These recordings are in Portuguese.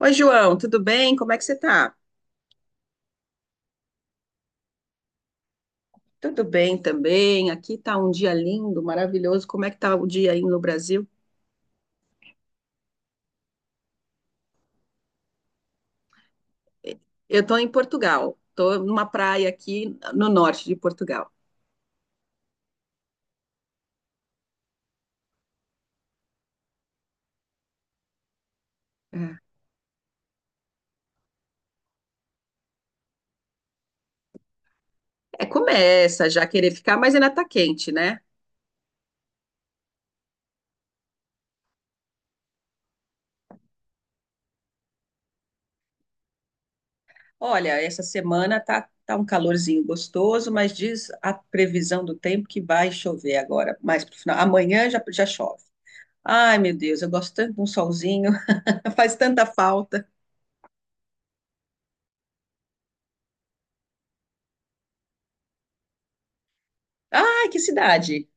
Oi, João, tudo bem? Como é que você tá? Tudo bem também. Aqui tá um dia lindo, maravilhoso. Como é que tá o dia aí no Brasil? Eu tô em Portugal. Tô numa praia aqui no norte de Portugal. É, começa já a querer ficar, mas ainda tá quente, né? Olha, essa semana tá um calorzinho gostoso, mas diz a previsão do tempo que vai chover agora, mais pro final. Amanhã já chove. Ai, meu Deus, eu gosto tanto de um solzinho, faz tanta falta. Ai, que cidade!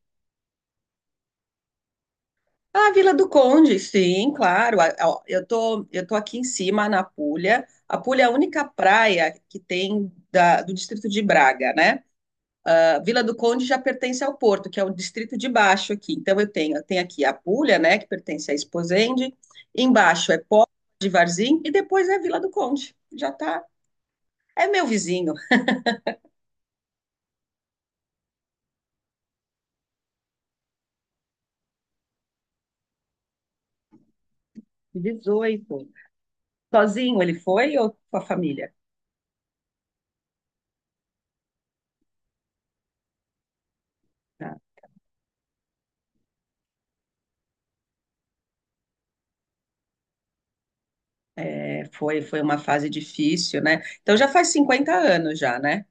Ah, Vila do Conde, sim, claro. Eu tô aqui em cima, na Puglia. A Puglia é a única praia que tem do distrito de Braga, né? A Vila do Conde já pertence ao Porto, que é o distrito de baixo aqui. Então eu tenho aqui a Puglia, né, que pertence a Esposende. Embaixo é Póvoa de Varzim e depois é a Vila do Conde. Já tá. É meu vizinho. 18. Sozinho ele foi ou com a família? Ah, é, foi, foi uma fase difícil, né? Então já faz 50 anos já, né?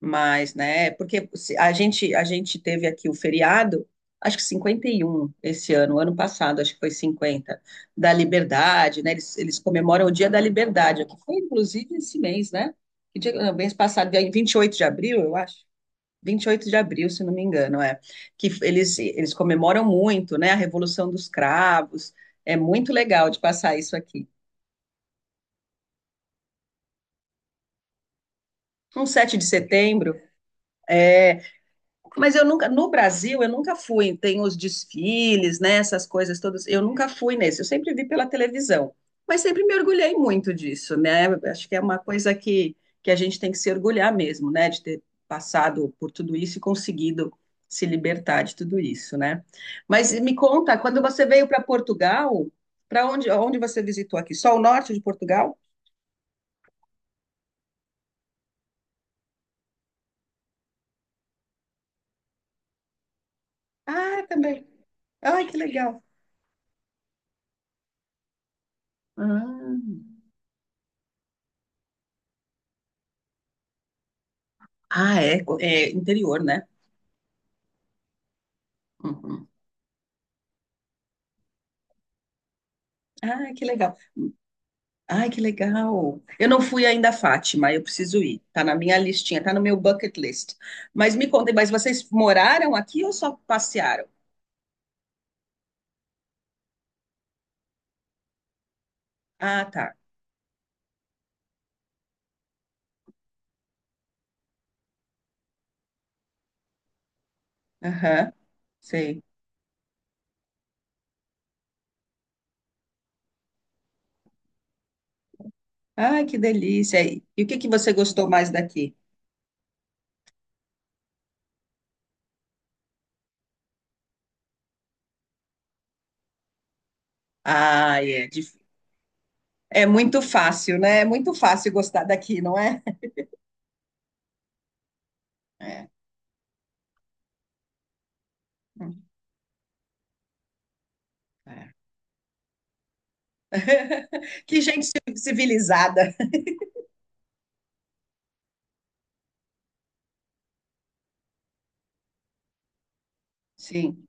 Mas, né, porque se- a gente teve aqui o feriado, acho que 51 esse ano, ano passado, acho que foi 50 da Liberdade, né? Eles comemoram o Dia da Liberdade, que foi inclusive esse mês, né? Que dia, não, mês passado, dia 28 de abril, eu acho. 28 de abril, se não me engano, é. Eles comemoram muito, né? A Revolução dos Cravos. É muito legal de passar isso aqui. Um 7 de setembro, é. Mas eu nunca, no Brasil, eu nunca fui. Tem os desfiles, né? Essas coisas todas. Eu nunca fui nesse. Eu sempre vi pela televisão. Mas sempre me orgulhei muito disso, né? Acho que é uma coisa que a gente tem que se orgulhar mesmo, né? De ter passado por tudo isso e conseguido se libertar de tudo isso, né? Mas me conta, quando você veio para Portugal, onde você visitou aqui? Só o norte de Portugal? Ah, é também. Ai, que legal. Ah, Ah, é, é interior, né? Uhum. Ah, que legal. Ai, que legal. Eu não fui ainda a Fátima, eu preciso ir. Tá na minha listinha, tá no meu bucket list. Mas me contem, mas vocês moraram aqui ou só passearam? Ah, tá. Aham, sei. Ai, que delícia. E o que que você gostou mais daqui? Ah, é, dif- é muito fácil, né? É muito fácil gostar daqui, não é? É. Hum, é. Que gente civilizada. Sim.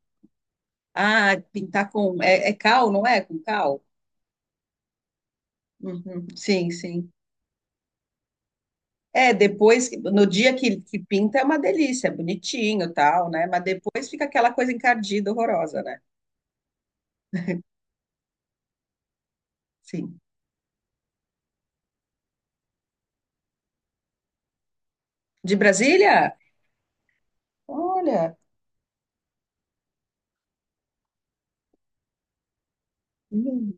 Ah, pintar com. É, é cal, não é? Com cal? Uhum. Sim, sim. É, depois, no dia que pinta é uma delícia, é bonitinho, tal, né? Mas depois fica aquela coisa encardida, horrorosa, né? Sim. De Brasília? Olha, hum,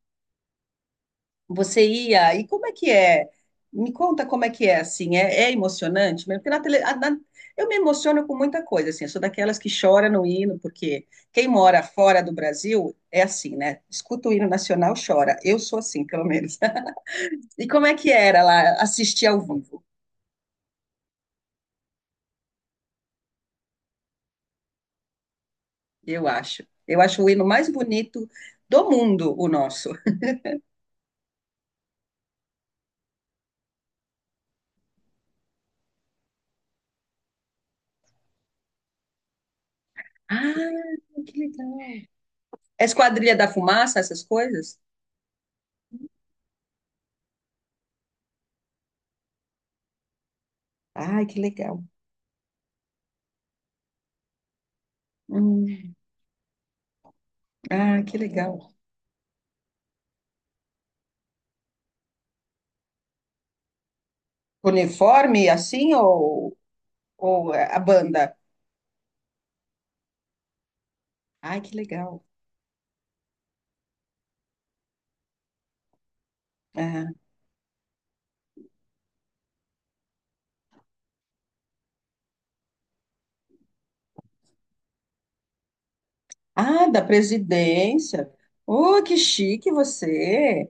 você ia, e como é que é? Me conta como é que é, assim, é, é emocionante mesmo? Porque na tele, eu me emociono com muita coisa, assim, eu sou daquelas que chora no hino, porque quem mora fora do Brasil é assim, né? Escuta o hino nacional, chora. Eu sou assim, pelo menos. E como é que era lá assistir ao vivo? Eu acho. Eu acho o hino mais bonito do mundo, o nosso. Ah, que legal. É Esquadrilha da Fumaça, essas coisas? Ai, que legal. Hum, Ah, que legal. Uniforme assim ou a banda? Ai, que legal. Ah, ah, da presidência. Oh, que chique você.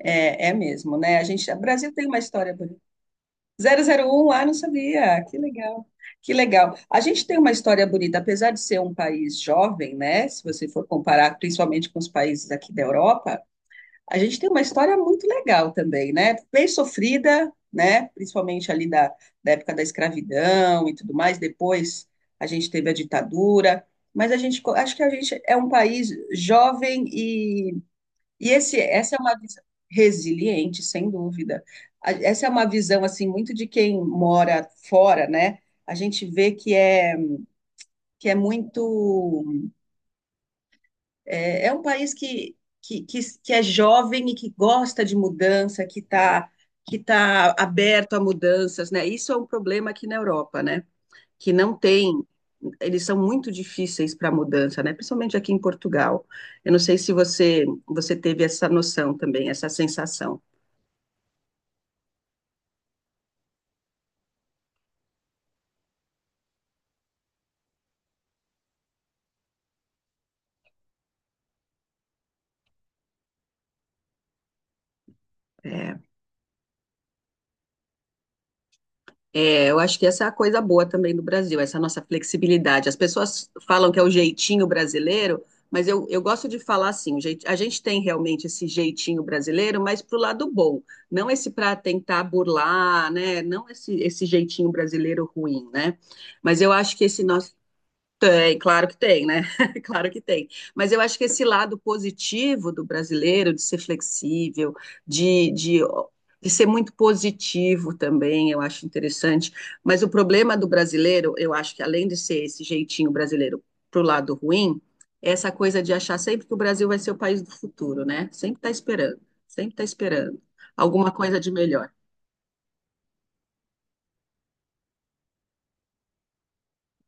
É, é mesmo, né? A gente, o Brasil tem uma história 001, ah, não sabia. Que legal. Que legal. A gente tem uma história bonita, apesar de ser um país jovem, né? Se você for comparar principalmente com os países aqui da Europa, a gente tem uma história muito legal também, né? Bem sofrida, né? Principalmente ali da época da escravidão e tudo mais. Depois a gente teve a ditadura, mas acho que a gente é um país jovem essa é uma visão resiliente, sem dúvida. Essa é uma visão assim muito de quem mora fora, né? A gente vê que é muito é, é um país que é jovem e que gosta de mudança, que está que tá aberto a mudanças, né? Isso é um problema aqui na Europa, né? Que não tem. Eles são muito difíceis para mudança, né? Principalmente aqui em Portugal. Eu não sei se você teve essa noção também, essa sensação. É, é, eu acho que essa é a coisa boa também do Brasil, essa nossa flexibilidade. As pessoas falam que é o jeitinho brasileiro, mas eu gosto de falar assim: a gente tem realmente esse jeitinho brasileiro, mas pro lado bom, não esse para tentar burlar, né? Não esse, esse jeitinho brasileiro ruim, né? Mas eu acho que esse nosso tem, claro que tem, né? Claro que tem. Mas eu acho que esse lado positivo do brasileiro, de ser flexível, de, de, de ser muito positivo também, eu acho interessante. Mas o problema do brasileiro, eu acho que além de ser esse jeitinho brasileiro pro lado ruim, é essa coisa de achar sempre que o Brasil vai ser o país do futuro, né? Sempre tá esperando alguma coisa de melhor.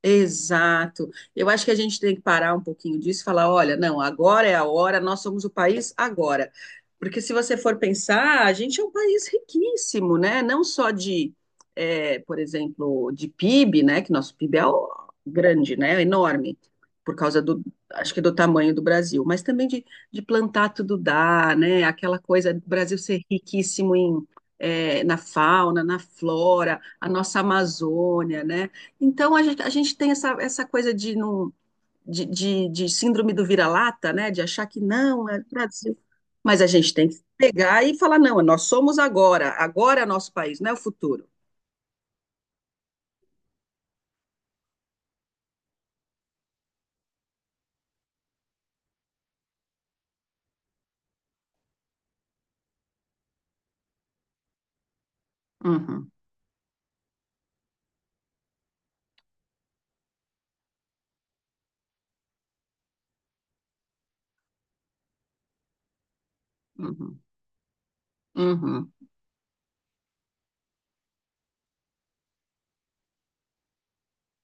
Exato. Eu acho que a gente tem que parar um pouquinho disso e falar, olha, não, agora é a hora, nós somos o país agora. Porque se você for pensar, a gente é um país riquíssimo, né? Não só de, eh, por exemplo, de PIB, né? Que nosso PIB é ó, grande, né? É enorme, por causa do, acho que do tamanho do Brasil, mas também de plantar tudo dá, né? Aquela coisa do Brasil ser riquíssimo em, eh, na fauna, na flora, a nossa Amazônia, né? Então, a gente tem essa coisa de, não, de síndrome do vira-lata, né? De achar que não, é Brasil. Mas a gente tem que pegar e falar, não, nós somos agora, agora é nosso país, não é o futuro. Uhum, uhum, uhum,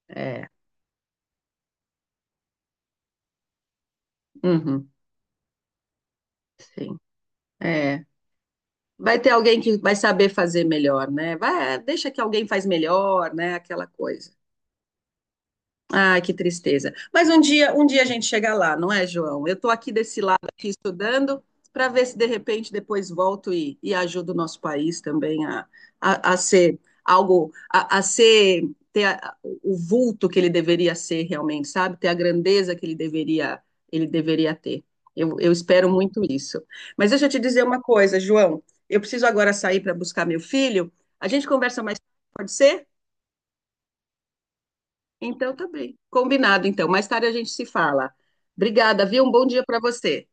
é, uhum, sim, é. Vai ter alguém que vai saber fazer melhor, né? Vai, deixa que alguém faz melhor, né? Aquela coisa. Ai, que tristeza. Mas um dia a gente chega lá, não é, João? Eu estou aqui desse lado aqui estudando para ver se de repente depois volto e ajudo o nosso país também a ser algo, a ser ter o vulto que ele deveria ser realmente, sabe? Ter a grandeza que ele deveria ter. Eu espero muito isso. Mas deixa eu te dizer uma coisa, João. Eu preciso agora sair para buscar meu filho. A gente conversa mais, tarde, pode ser? Então, tá bem. Combinado, então. Mais tarde a gente se fala. Obrigada, viu? Um bom dia para você.